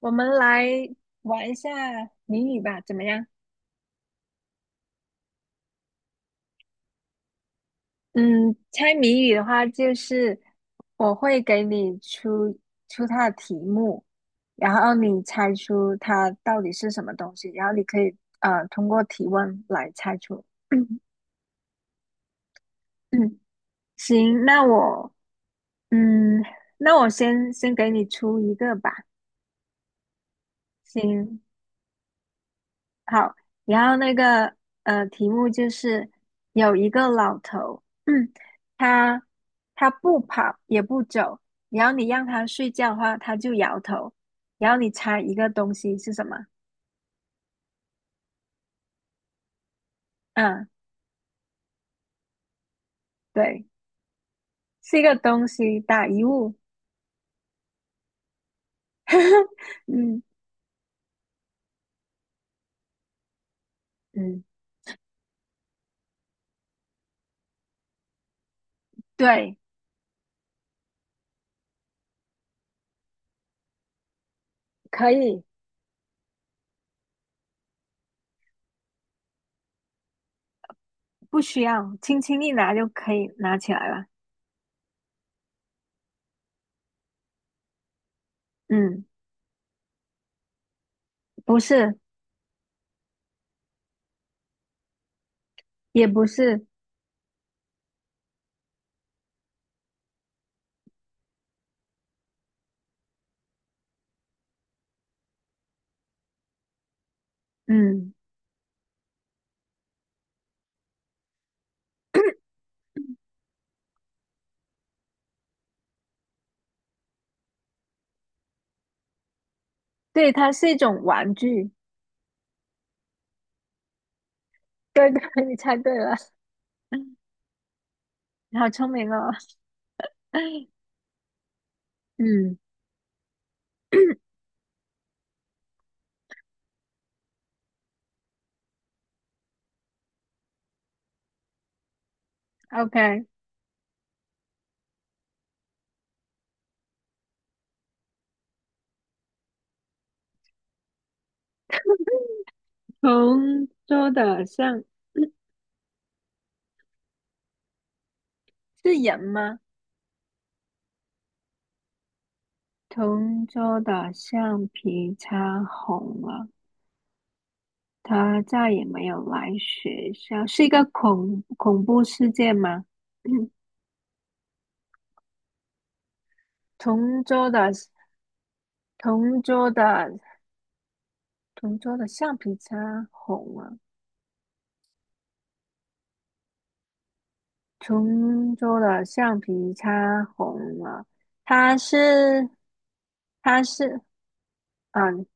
我们来玩一下谜语吧，怎么样？嗯，猜谜语的话，就是我会给你出它的题目，然后你猜出它到底是什么东西，然后你可以通过提问来猜出。嗯，行，嗯，那我先给你出一个吧。行，好，然后那个题目就是有一个老头，嗯，他他不跑也不走，然后你让他睡觉的话，他就摇头，然后你猜一个东西是什么？嗯，对，是一个东西，打一物。嗯嗯，对，可以，不需要，轻轻一拿就可以拿起来了。嗯，不是，也不是，嗯，对，它是一种玩具。对对，你猜对了。你好聪明哦。嗯 ，OK，同桌的橡是人吗？同桌的橡皮擦红了，他再也没有来学校，是一个恐怖事件吗？同桌的同桌的同桌的橡皮擦红了，同桌的橡皮擦红了，他是他是嗯。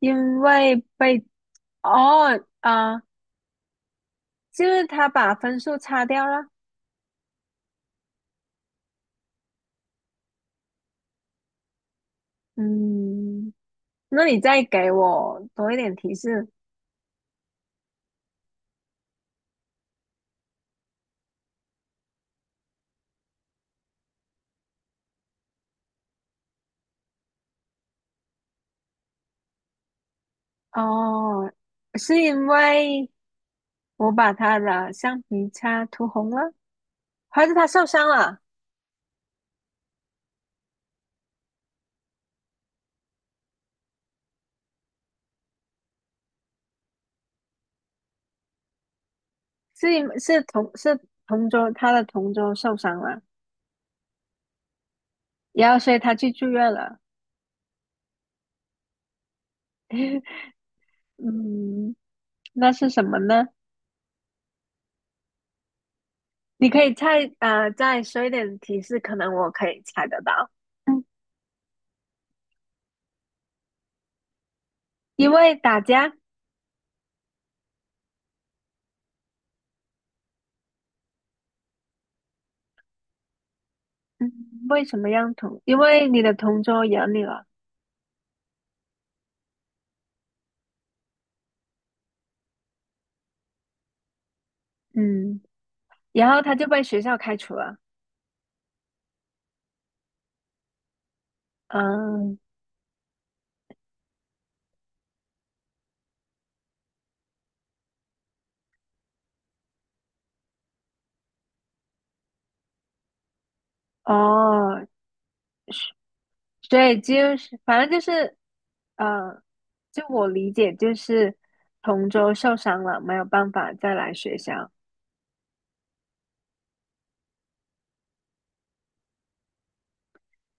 因为被哦，啊、就是他把分数擦掉了。嗯，那你再给我多一点提示。哦，是因为我把他的橡皮擦涂红了，还是他受伤了？是因是同是同桌，他的同桌受伤了，然后所以他去住院了。嗯，那是什么呢？你可以再说一点提示，可能我可以猜得到。嗯，因为打架。嗯，为什么让同？因为你的同桌养你了，嗯，然后他就被学校开除了，嗯，哦，所以就是反正就是，嗯，就我理解就是同桌受伤了，没有办法再来学校。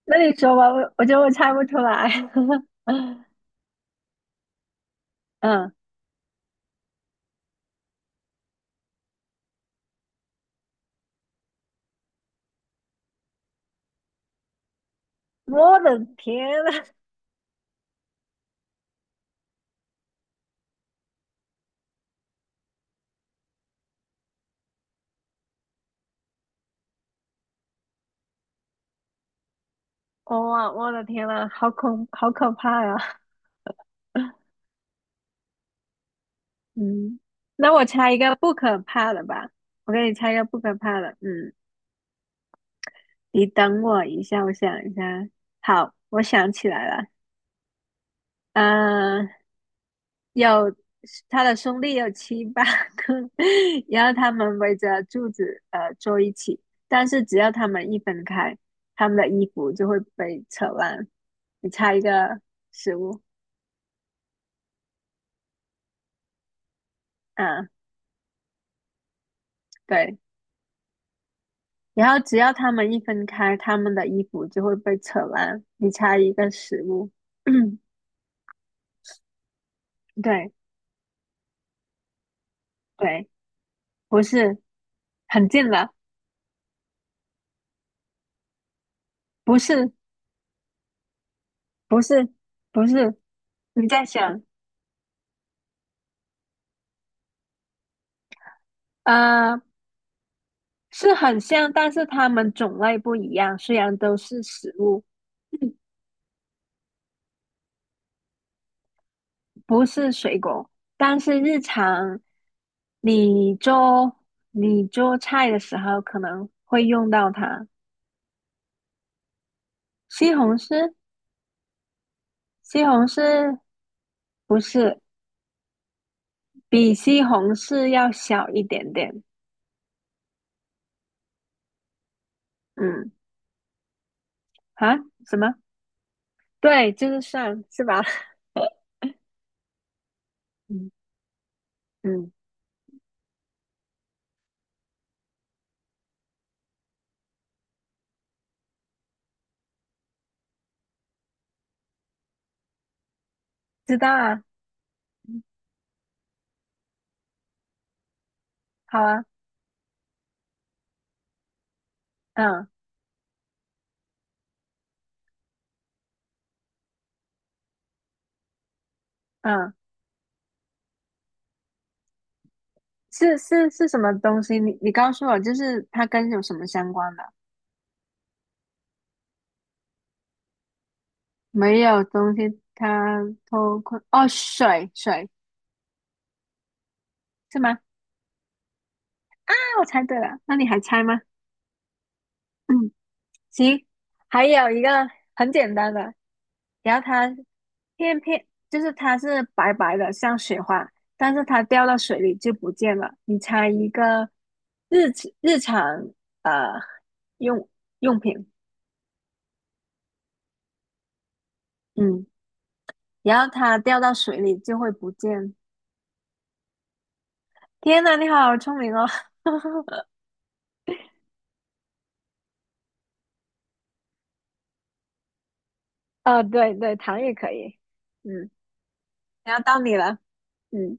那你说吧，我觉得我猜不出来。嗯，我的天呐，哇，我的天呐，好恐，好可怕呀！嗯，那我猜一个不可怕的吧，我给你猜一个不可怕的，嗯。你等我一下，我想一下。好，我想起来了，嗯、有他的兄弟有七八个，然后他们围着柱子坐一起，但是只要他们一分开，他们的衣服就会被扯烂。你猜一个食物，嗯，对，然后只要他们一分开，他们的衣服就会被扯烂。你猜一个食物，对对，不是，很近了，不是，不是，不是。你在想，呃，是很像，但是它们种类不一样。虽然都是食物，不是水果，但是日常你做你做菜的时候可能会用到它。西红柿，西红柿，不是，比西红柿要小一点点。嗯，啊，什么？对，就是蒜，是吧？嗯嗯，知道啊，好啊，嗯嗯。是什么东西？你告诉我，就是它跟有什么相关的？没有东西，它偷窥哦，水是吗？啊，我猜对了，那你还猜吗？嗯，行，还有一个很简单的，然后它就是它是白白的，像雪花，但是它掉到水里就不见了。你猜一个日常日常呃用用品，嗯，然后它掉到水里就会不见。天呐，你好聪明哦！哦，对对，糖也可以。嗯，然后到你了。嗯，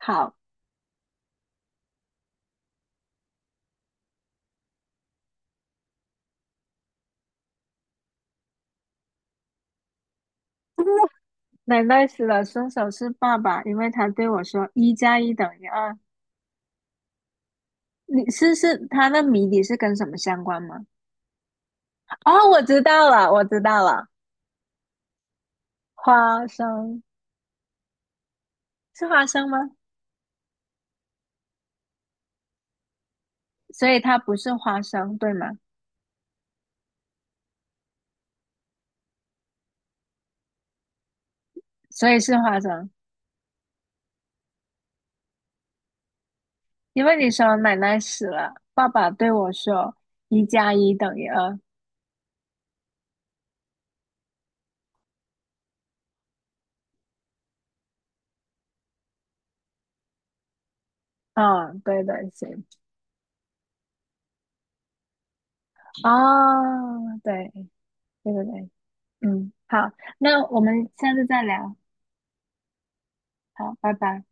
好。奶奶死了，凶手是爸爸，因为他对我说一加一等于二。你是他那谜底是跟什么相关吗？哦，我知道了，我知道了，花生，是花生吗？所以它不是花生，对吗？所以是花生，因为你说奶奶死了，爸爸对我说一加一等于二。嗯，对对，行，哦，对，对对对，嗯，好，那我们下次再聊，好，拜拜。